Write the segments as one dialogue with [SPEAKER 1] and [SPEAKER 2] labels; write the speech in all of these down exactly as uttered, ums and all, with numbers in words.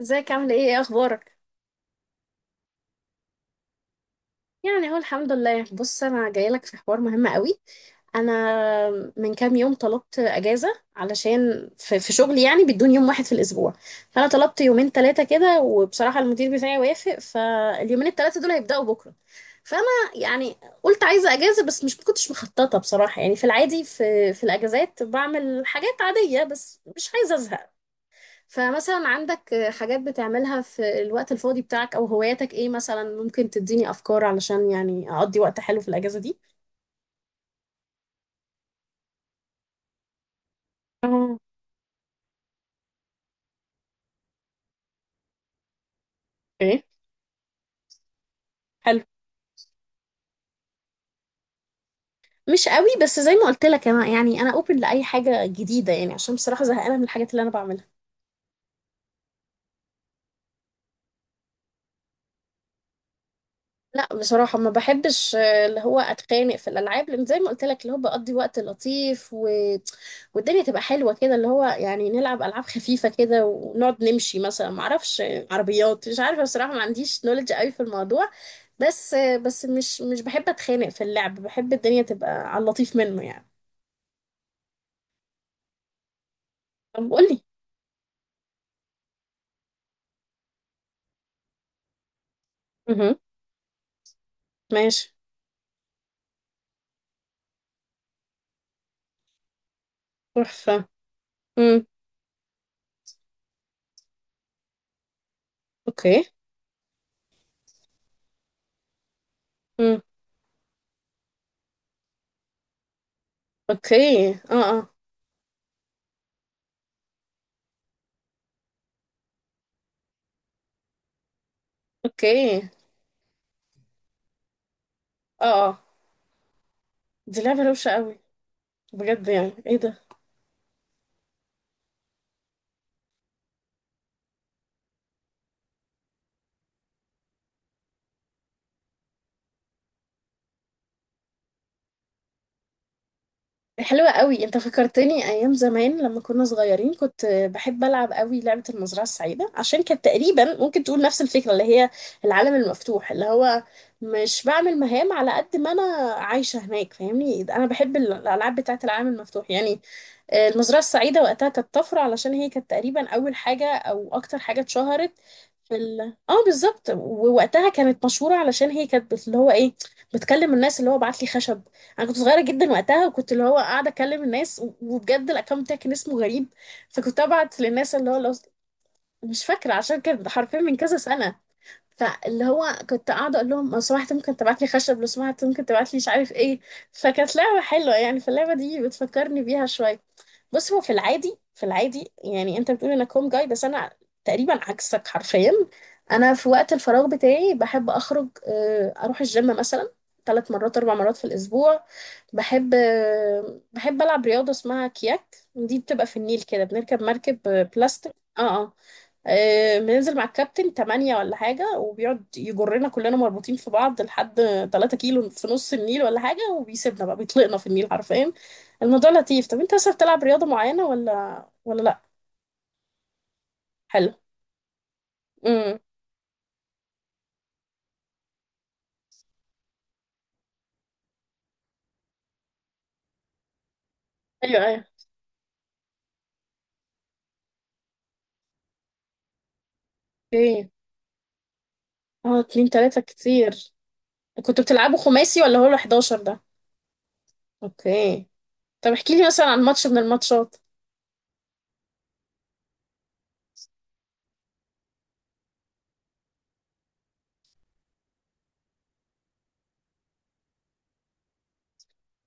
[SPEAKER 1] ازيك، عامل ايه؟ ايه اخبارك؟ يعني اهو الحمد لله. بص، انا جايه لك في حوار مهم قوي. انا من كام يوم طلبت اجازه علشان في, في شغلي، يعني بدون يوم واحد في الاسبوع. فانا طلبت يومين ثلاثه كده، وبصراحه المدير بتاعي وافق، فاليومين الثلاثه دول هيبداوا بكره. فانا يعني قلت عايزه اجازه، بس مش كنتش مخططه بصراحه. يعني في العادي في في الاجازات بعمل حاجات عاديه، بس مش عايزه ازهق. فمثلا عندك حاجات بتعملها في الوقت الفاضي بتاعك او هواياتك؟ ايه مثلا ممكن تديني افكار علشان يعني اقضي وقت حلو في الاجازة دي؟ اه. ايه. حلو. مش قوي، بس زي ما قلت لك انا يعني انا اوبن لاي حاجة جديدة، يعني عشان بصراحة زهقانة من الحاجات اللي انا بعملها. لا، بصراحة ما بحبش، آه، اللي هو اتخانق في الالعاب، لان زي ما قلت لك اللي هو بقضي وقت لطيف، و... والدنيا تبقى حلوة كده، اللي هو يعني نلعب العاب خفيفة كده ونقعد نمشي مثلا، ما اعرفش، آه، عربيات، مش عارفة بصراحة، ما عنديش نولج قوي في الموضوع. بس، آه، بس مش مش بحب اتخانق في اللعب، بحب الدنيا تبقى على اللطيف منه يعني. طب قولي. اها. ماشي. تحفة. امم. اوكي. امم. اوكي. اه، اه. اوكي. اه، اه. دي لعبة روشة قوي بجد، يعني ايه ده! حلوة قوي، انت فكرتني ايام زمان لما كنا صغيرين، كنت بحب العب قوي لعبة المزرعة السعيدة، عشان كانت تقريبا ممكن تقول نفس الفكرة، اللي هي العالم المفتوح، اللي هو مش بعمل مهام على قد ما انا عايشة هناك، فاهمني؟ انا بحب الالعاب بتاعة العالم المفتوح يعني. المزرعة السعيدة وقتها كانت طفرة، علشان هي كانت تقريبا أول حاجة أو أكتر حاجة اتشهرت في ال اه بالظبط. ووقتها كانت مشهورة علشان هي كانت بت- اللي هو ايه، بتكلم الناس، اللي هو بعت لي خشب. أنا كنت صغيرة جدا وقتها، وكنت اللي هو قاعدة أكلم الناس، و- وبجد الأكونت بتاعي كان اسمه غريب. فكنت أبعت للناس اللي هو لو، مش فاكرة عشان كانت حرفيا من كذا سنة. فاللي هو كنت قاعدة أقول لهم لو سمحت ممكن تبعت لي خشب، لو سمحت ممكن تبعت لي مش عارف إيه. فكانت لعبة حلوة يعني، فاللعبة دي بتفكرني بيها شوية. بص، هو في العادي في العادي يعني أنت بتقول إنك هوم جاي، بس أنا تقريبا عكسك حرفيا. أنا في وقت الفراغ بتاعي بحب أخرج، آه، أروح الجيم مثلا ثلاث مرات أربع مرات في الأسبوع. بحب، آه، بحب ألعب رياضة اسمها كياك، دي بتبقى في النيل كده، بنركب مركب آه، بلاستيك. اه، اه. آه، بننزل مع الكابتن تمانية ولا حاجة، وبيقعد يجرنا كلنا مربوطين في بعض لحد تلاتة كيلو في نص النيل ولا حاجة، وبيسيبنا بقى، بيطلقنا في النيل حرفيا. الموضوع لطيف. طب انت اصلا بتلعب رياضة معينة ولا ولا لأ؟ حلو. امم. ايوه، ايوه. اوكي. اه، اتنين تلاتة كتير. كنتوا بتلعبوا خماسي ولا هو ال حداشر ده؟ اوكي. طب احكي لي مثلا عن ماتش من الماتشات.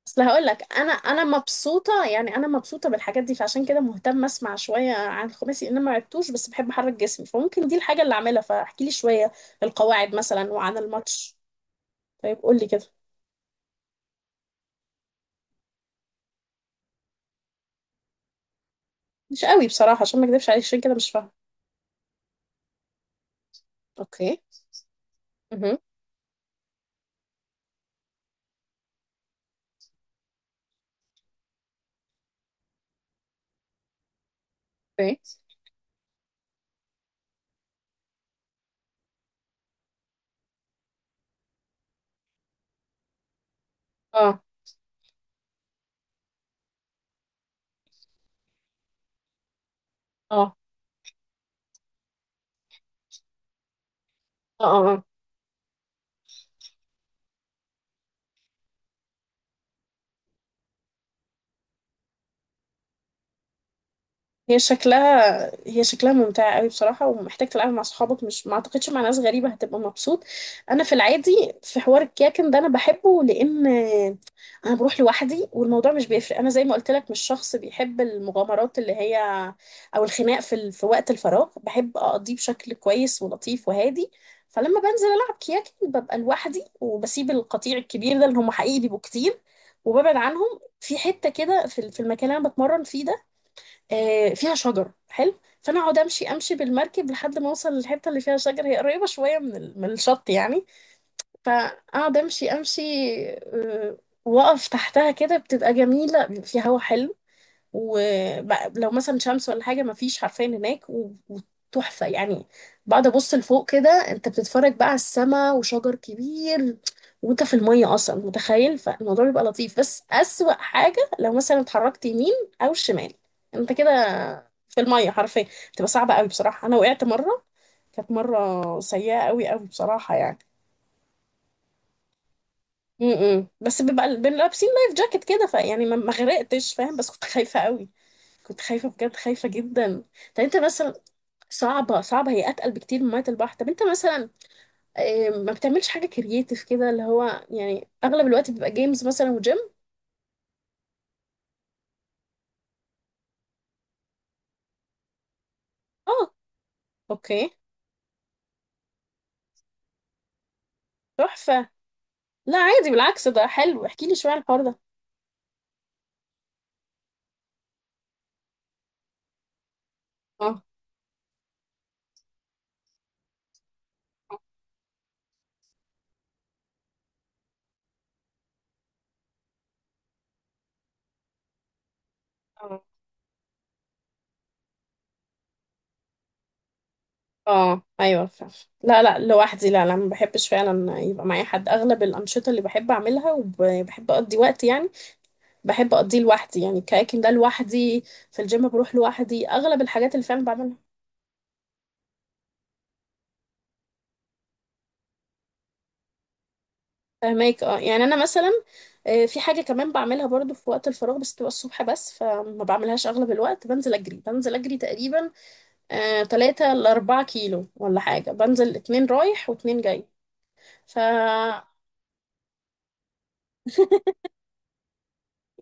[SPEAKER 1] اصل هقول لك انا انا مبسوطه يعني، انا مبسوطه بالحاجات دي، فعشان كده مهتم اسمع شويه عن الخماسي، ان انا ما عدتوش بس بحب احرك جسمي، فممكن دي الحاجه اللي اعملها، فاحكي لي شويه القواعد مثلا وعن الماتش. طيب قول لي كده. مش قوي بصراحه، عشان ما اكذبش عليك عشان كده مش فاهمه. اوكي. اها. اوكي. اه، اه. اه، اه. هي شكلها هي شكلها ممتعة قوي بصراحة، ومحتاج تلعبها مع صحابك، مش، ما اعتقدش مع ناس غريبة هتبقى مبسوط. انا في العادي في حوار الكيكن ده انا بحبه، لان انا بروح لوحدي والموضوع مش بيفرق. انا زي ما قلت لك مش شخص بيحب المغامرات، اللي هي او الخناق، في ال... في وقت الفراغ بحب اقضيه بشكل كويس ولطيف وهادي. فلما بنزل العب كياكن ببقى لوحدي، وبسيب القطيع الكبير ده اللي هم حقيقي بيبقوا كتير، وببعد عنهم في حتة كده في ال- في المكان اللي انا بتمرن فيه ده، آه، فيها شجر حلو. فانا اقعد امشي امشي بالمركب، لحد ما اوصل للحته اللي فيها شجر، هي قريبه شويه من ال- من الشط يعني. فاقعد امشي امشي، آه، واقف تحتها كده، بتبقى جميله، بيبقى فيها هوا حلو، ولو مثلا شمس ولا حاجه مفيش حرفيا هناك، و- وتحفه يعني. بقعد ابص لفوق كده، انت بتتفرج بقى على السما وشجر كبير وانت في الميه اصلا، متخيل؟ فالموضوع بيبقى لطيف، بس اسوأ حاجه لو مثلا اتحركت يمين او شمال، انت كده في الميه حرفيا، بتبقى صعبه قوي بصراحه. انا وقعت مره، كانت مره سيئه قوي قوي بصراحه يعني. امم. بس بيبقى بنبقى لابسين لايف جاكيت كده، فيعني ما ما غرقتش، فاهم؟ بس كنت خايفه قوي، كنت خايفه بجد، خايفه جدا. طب انت مثلا، صعبه صعبه هي، اتقل بكتير من ميه البحر. طب انت مثلا، آه، ما بتعملش حاجه كرييتيف كده اللي هو؟ يعني اغلب الوقت بيبقى جيمز مثلا وجيم. اه. اوكي. تحفه. لا، عادي، بالعكس ده حلو، احكي لي شويه عن الحوار ده. اه، اه. ايوه، فعلا. لا، لا، لوحدي. لا، لا، ما بحبش فعلا يبقى معايا حد. اغلب الانشطه اللي بحب اعملها وبحب اقضي وقت يعني، بحب اقضيه لوحدي يعني. الكاياكينج ده لوحدي، في الجيم بروح لوحدي، اغلب الحاجات اللي فعلا بعملها. فهماك. اه، يعني انا مثلا آه، في حاجه كمان بعملها برضو في وقت الفراغ، بس تبقى الصبح بس فما بعملهاش اغلب الوقت. بنزل اجري بنزل اجري تقريبا آه، تلاته ل أربعة كيلو ولا حاجه، بنزل اتنين رايح واتنين جاي. ف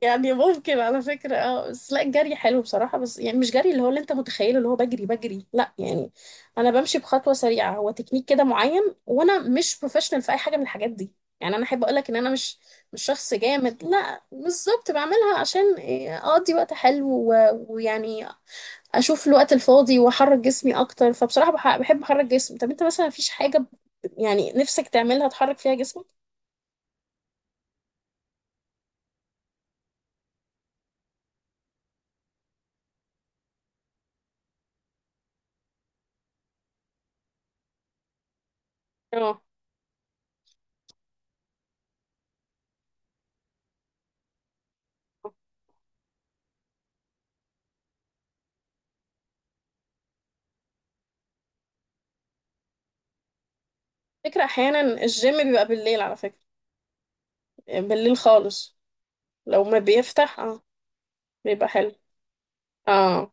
[SPEAKER 1] يعني ممكن على فكرة، اه. بس لا، الجري حلو بصراحة، بس يعني مش جري اللي هو اللي انت متخيله، اللي هو بجري بجري لا يعني. انا بمشي بخطوة سريعة، هو تكنيك كده معين، وانا مش بروفيشنال في اي حاجة من الحاجات دي. يعني انا احب اقولك ان انا مش مش شخص جامد. لا بالظبط، بعملها عشان إيه، اقضي وقت حلو، و- ويعني اشوف الوقت الفاضي واحرك جسمي اكتر، فبصراحة بح- بحب احرك جسمي. طب انت مثلا مفيش حاجة ب- يعني نفسك تعملها تحرك فيها جسمك؟ اه، فكرة. احيانا الجيم بيبقى بالليل على فكرة، آه، بالليل خالص لو ما بيفتح. اه، بيبقى حلو. اه،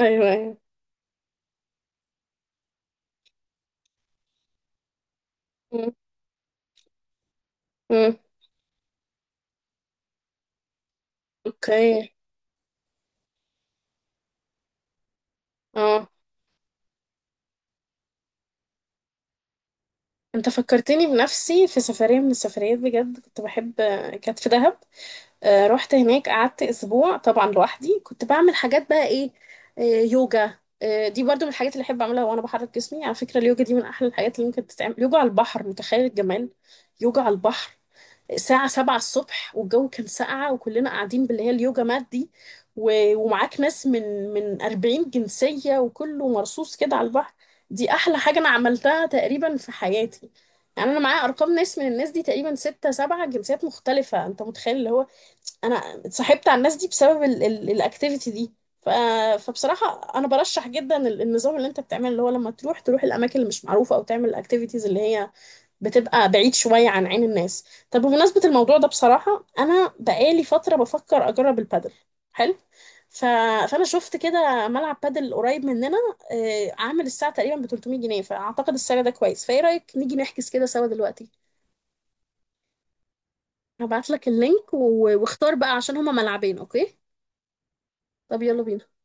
[SPEAKER 1] ايوه، ايوه. مم. مم. اوكي. اه، انت فكرتني بنفسي في سفرية من السفريات، بجد كنت بحب، كانت في دهب. آه، رحت هناك قعدت اسبوع طبعا لوحدي، كنت بعمل حاجات بقى ايه؟ آه يوجا، آه دي برضو من الحاجات اللي احب اعملها وانا بحرك جسمي. على فكرة، اليوجا دي من احلى الحاجات اللي ممكن تتعمل، يوجا على البحر، متخيل الجمال؟ يوجا على البحر، الساعة سبعة الصبح والجو كان ساقعة، وكلنا قاعدين باللي هي اليوجا مات دي، و- ومعاك ناس من من أربعين جنسية، وكله مرصوص كده على البحر. دي أحلى حاجة أنا عملتها تقريبا في حياتي. يعني أنا معايا أرقام ناس من الناس دي، تقريبا ستة سبعة جنسيات مختلفة، أنت متخيل؟ اللي هو أنا اتصاحبت على الناس دي بسبب ال- ال- الأكتيفيتي دي. ف... فبصراحة أنا برشح جدا ال- النظام اللي أنت بتعمله، اللي هو لما تروح تروح الأماكن اللي مش معروفة، أو تعمل الأكتيفيتيز اللي هي بتبقى بعيد شوية عن عين الناس. طب بمناسبة الموضوع ده، بصراحة أنا بقالي فترة بفكر أجرب البادل. حلو. ف... فأنا شفت كده ملعب بادل قريب مننا، آه، عامل الساعة تقريبا ب تلتمية جنيه، فأعتقد السعر ده كويس، فإيه رأيك نيجي نحجز كده سوا دلوقتي؟ هبعت لك اللينك و... واختار بقى عشان هما ملعبين. أوكي. طب يلا بينا.